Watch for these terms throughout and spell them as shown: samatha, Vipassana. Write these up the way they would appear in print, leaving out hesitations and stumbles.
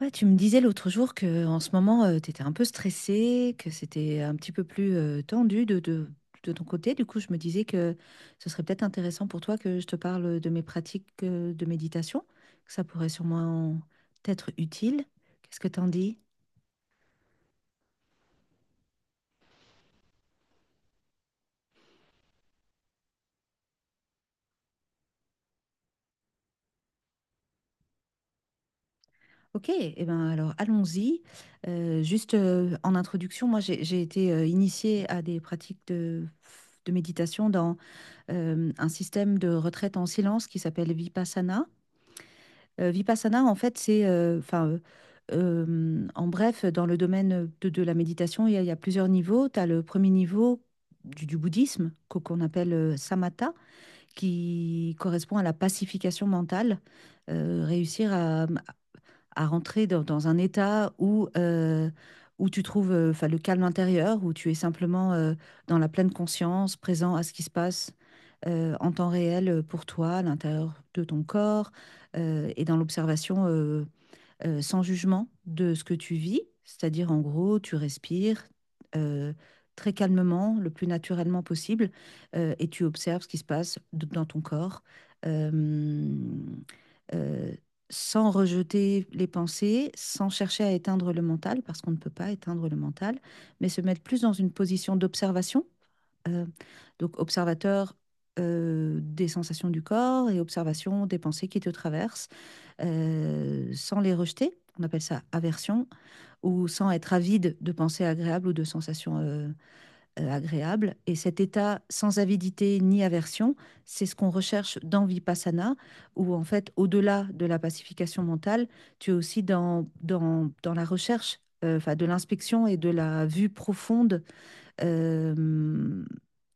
Ouais, tu me disais l'autre jour que en ce moment, tu étais un peu stressée, que c'était un petit peu plus tendu de ton côté. Du coup, je me disais que ce serait peut-être intéressant pour toi que je te parle de mes pratiques de méditation, que ça pourrait sûrement être utile. Qu'est-ce que t'en dis? Ok, eh ben alors allons-y. Juste en introduction, moi j'ai été initiée à des pratiques de méditation dans un système de retraite en silence qui s'appelle Vipassana. Vipassana, en fait, en bref, dans le domaine de la méditation, il y a plusieurs niveaux. Tu as le premier niveau du bouddhisme, qu'on appelle samatha, qui correspond à la pacification mentale, réussir à rentrer dans un état où, où tu trouves le calme intérieur, où tu es simplement dans la pleine conscience, présent à ce qui se passe en temps réel pour toi, à l'intérieur de ton corps, et dans l'observation sans jugement de ce que tu vis. C'est-à-dire, en gros, tu respires euh, très calmement, le plus naturellement possible, et tu observes ce qui se passe dans ton corps. Euh, euh, Sans rejeter les pensées, sans chercher à éteindre le mental, parce qu'on ne peut pas éteindre le mental, mais se mettre plus dans une position d'observation, euh, donc observateur des sensations du corps et observation des pensées qui te traversent, sans les rejeter. On appelle ça aversion, ou sans être avide de pensées agréables ou de sensations agréable. Et cet état sans avidité ni aversion, c'est ce qu'on recherche dans Vipassana, où en fait, au-delà de la pacification mentale, tu es aussi dans la recherche, de l'inspection et de la vue profonde euh,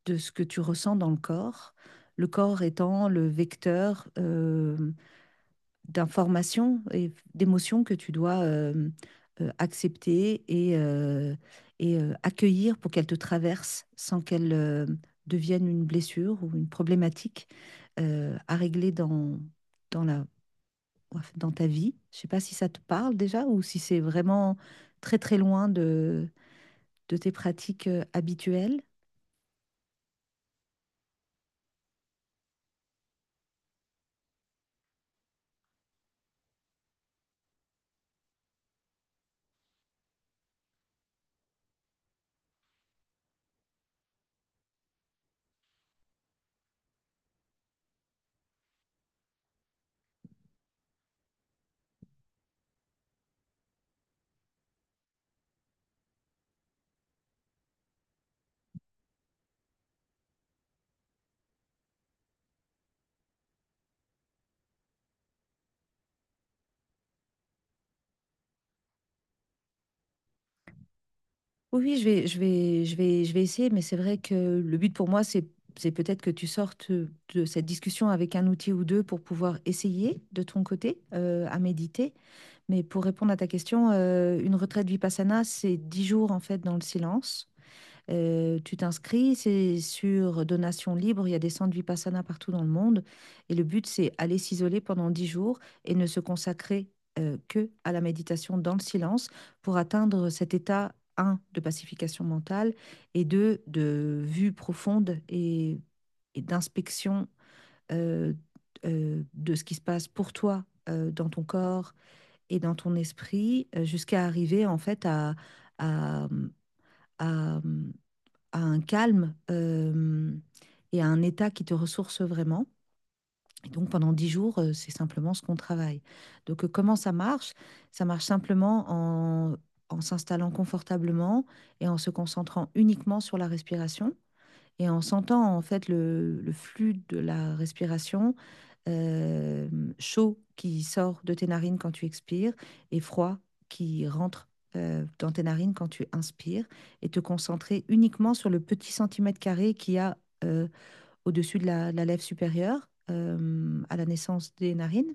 de ce que tu ressens dans le corps étant le vecteur d'informations et d'émotions que tu dois accepter et accueillir pour qu'elles te traversent sans qu'elles deviennent une blessure ou une problématique à régler dans la, dans ta vie. Je ne sais pas si ça te parle déjà ou si c'est vraiment très très loin de tes pratiques habituelles. Oui, oui, je vais essayer, mais c'est vrai que le but pour moi, c'est peut-être que tu sortes de cette discussion avec un outil ou deux pour pouvoir essayer de ton côté à méditer. Mais pour répondre à ta question, une retraite vipassana, c'est 10 jours en fait dans le silence. Tu t'inscris, c'est sur donation libre. Il y a des centres Vipassana partout dans le monde. Et le but, c'est aller s'isoler pendant 10 jours et ne se consacrer que à la méditation dans le silence pour atteindre cet état, un, de pacification mentale et deux, de vue profonde et d'inspection euh, de ce qui se passe pour toi dans ton corps et dans ton esprit jusqu'à arriver en fait à, à à un calme et à un état qui te ressource vraiment. Et donc pendant dix jours, c'est simplement ce qu'on travaille. Donc comment ça marche? Ça marche simplement en, en s'installant confortablement et en se concentrant uniquement sur la respiration. Et en sentant en fait le flux de la respiration, euh, chaud qui sort de tes narines quand tu expires et froid qui rentre dans tes narines quand tu inspires, et te concentrer uniquement sur le petit centimètre carré qu'il y a euh, au-dessus de la lèvre supérieure à la naissance des narines,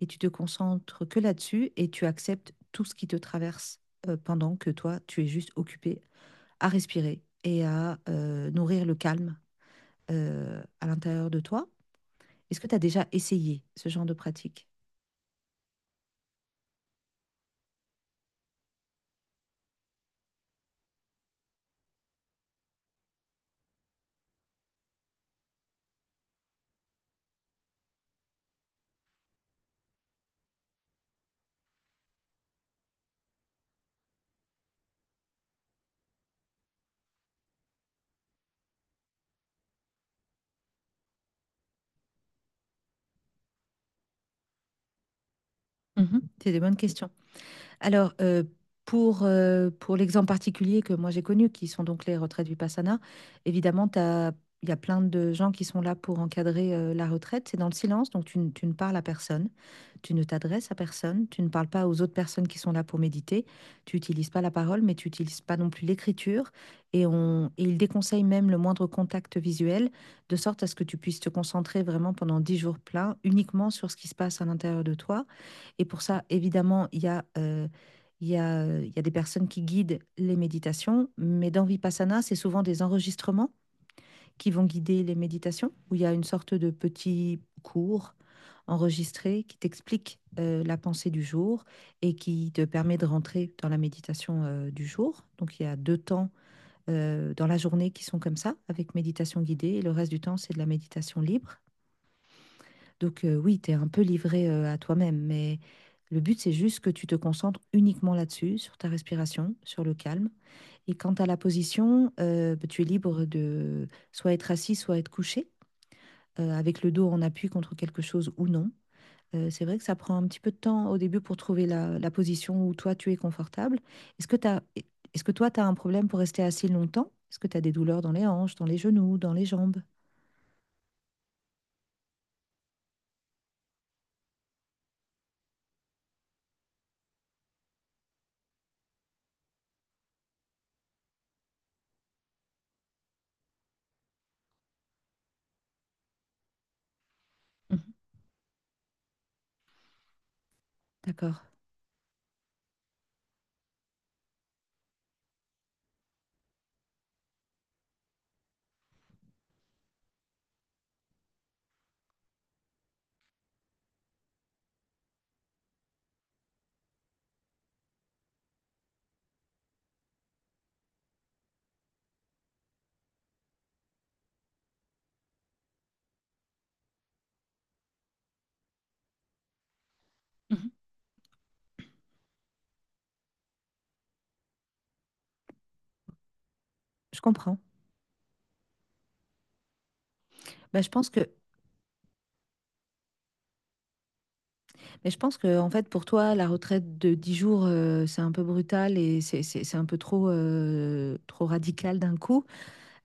et tu te concentres que là-dessus et tu acceptes tout ce qui te traverse pendant que toi, tu es juste occupé à respirer et à nourrir le calme à l'intérieur de toi. Est-ce que tu as déjà essayé ce genre de pratique? Mhm. C'est des bonnes questions. Alors, pour l'exemple particulier que moi j'ai connu, qui sont donc les retraites Vipassana, évidemment, il y a plein de gens qui sont là pour encadrer la retraite. C'est dans le silence, donc tu ne parles à personne, tu ne t'adresses à personne, tu ne parles pas aux autres personnes qui sont là pour méditer, tu n'utilises pas la parole, mais tu n'utilises pas non plus l'écriture. Et ils déconseillent même le moindre contact visuel, de sorte à ce que tu puisses te concentrer vraiment pendant 10 jours pleins uniquement sur ce qui se passe à l'intérieur de toi. Et pour ça, évidemment, il y a des personnes qui guident les méditations, mais dans Vipassana, c'est souvent des enregistrements qui vont guider les méditations, où il y a une sorte de petit cours enregistré qui t'explique la pensée du jour et qui te permet de rentrer dans la méditation du jour. Donc il y a deux temps dans la journée qui sont comme ça, avec méditation guidée, et le reste du temps, c'est de la méditation libre. Donc oui, tu es un peu livré à toi-même, mais le but, c'est juste que tu te concentres uniquement là-dessus, sur ta respiration, sur le calme. Et quant à la position, bah, tu es libre de soit être assis, soit être couché, avec le dos en appui contre quelque chose ou non. C'est vrai que ça prend un petit peu de temps au début pour trouver la position où toi, tu es confortable. Est-ce que t'as, est-ce que toi, tu as un problème pour rester assis longtemps? Est-ce que tu as des douleurs dans les hanches, dans les genoux, dans les jambes? Mhm. D'accord. Mhm. Je comprends. Bah, je pense que mais je pense que, en fait, pour toi, la retraite de 10 jours, c'est un peu brutal et c'est un peu trop, trop radical d'un coup.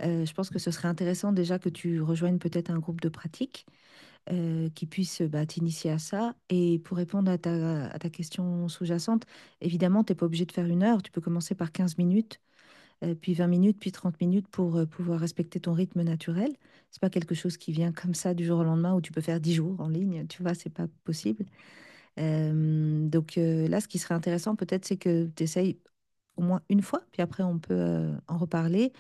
Je pense que ce serait intéressant déjà que tu rejoignes peut-être un groupe de pratique qui puisse bah, t'initier à ça. Et pour répondre à ta question sous-jacente, évidemment, tu n'es pas obligé de faire une heure. Tu peux commencer par 15 minutes, puis 20 minutes, puis 30 minutes pour pouvoir respecter ton rythme naturel. C'est pas quelque chose qui vient comme ça du jour au lendemain où tu peux faire 10 jours en ligne. Tu vois, c'est pas possible. Donc là, ce qui serait intéressant peut-être, c'est que tu essayes au moins une fois, puis après on peut en reparler,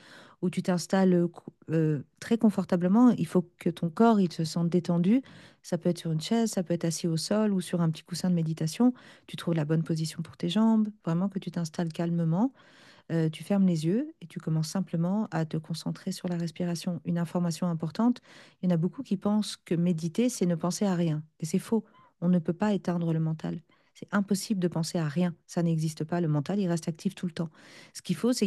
où tu très confortablement. Il faut que ton corps il se sente détendu. Ça peut être sur une chaise, ça peut être assis au sol ou sur un petit coussin de méditation. Tu trouves la bonne position pour tes jambes, vraiment que tu t'installes calmement tu fermes les yeux et tu commences simplement à te concentrer sur la respiration. Une information importante, il y en a beaucoup qui pensent que méditer, c'est ne penser à rien. Et c'est faux. On ne peut pas éteindre le mental. C'est impossible de penser à rien. Ça n'existe pas. Le mental, il reste actif tout le temps. Ce qu'il faut, c'est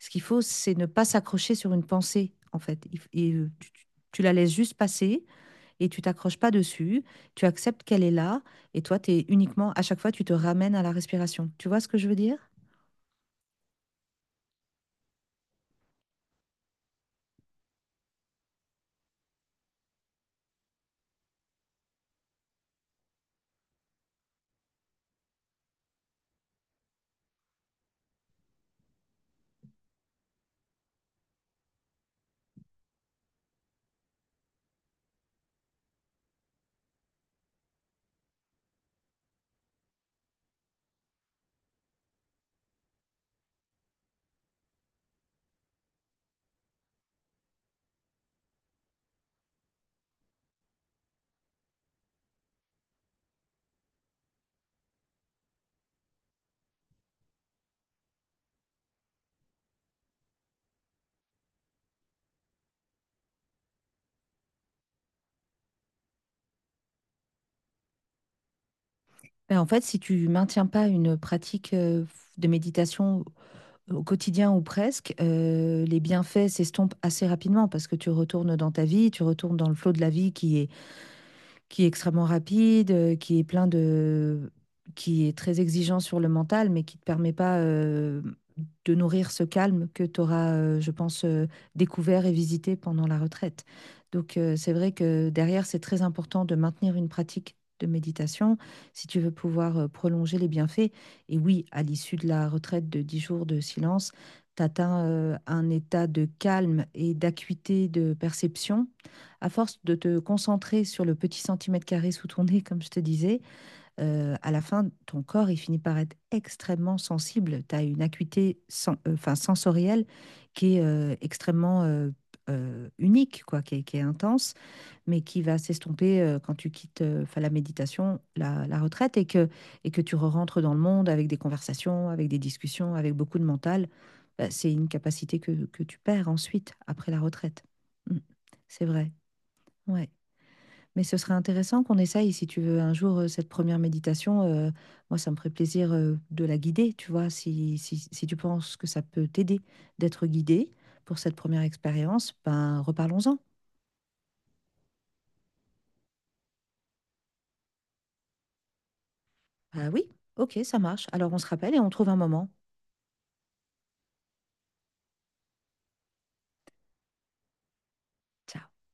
Ce qu'il faut, c'est ne pas s'accrocher sur une pensée, en fait. Et, tu la laisses juste passer et tu t'accroches pas dessus. Tu acceptes qu'elle est là et toi, tu es uniquement, à chaque fois, tu te ramènes à la respiration. Tu vois ce que je veux dire? Ben, en fait, si tu maintiens pas une pratique de méditation au quotidien ou presque, les bienfaits s'estompent assez rapidement parce que tu retournes dans ta vie, tu retournes dans le flot de la vie qui est extrêmement rapide, qui est très exigeant sur le mental, mais qui ne te permet pas de nourrir ce calme que tu auras, découvert et visité pendant la retraite. Donc, c'est vrai que derrière, c'est très important de maintenir une pratique de méditation si tu veux pouvoir prolonger les bienfaits. Et oui, à l'issue de la retraite de 10 jours de silence, tu atteins un état de calme et d'acuité de perception à force de te concentrer sur le petit centimètre carré sous ton nez, comme je te disais, à la fin, ton corps, il finit par être extrêmement sensible. Tu as une acuité sensorielle qui est extrêmement unique, quoi, qui est intense, mais qui va s'estomper quand tu quittes la méditation, la retraite, et que tu rentres dans le monde avec des conversations, avec des discussions, avec beaucoup de mental. Bah, c'est une capacité que tu perds ensuite, après la retraite. Mm. C'est vrai. Ouais. Mais ce serait intéressant qu'on essaye, si tu veux, un jour, cette première méditation. Euh, moi, ça me ferait plaisir de la guider, tu vois, si tu penses que ça peut t'aider d'être guidé pour cette première expérience, ben reparlons-en. Ah oui, ok, ça marche. Alors on se rappelle et on trouve un moment. Ciao.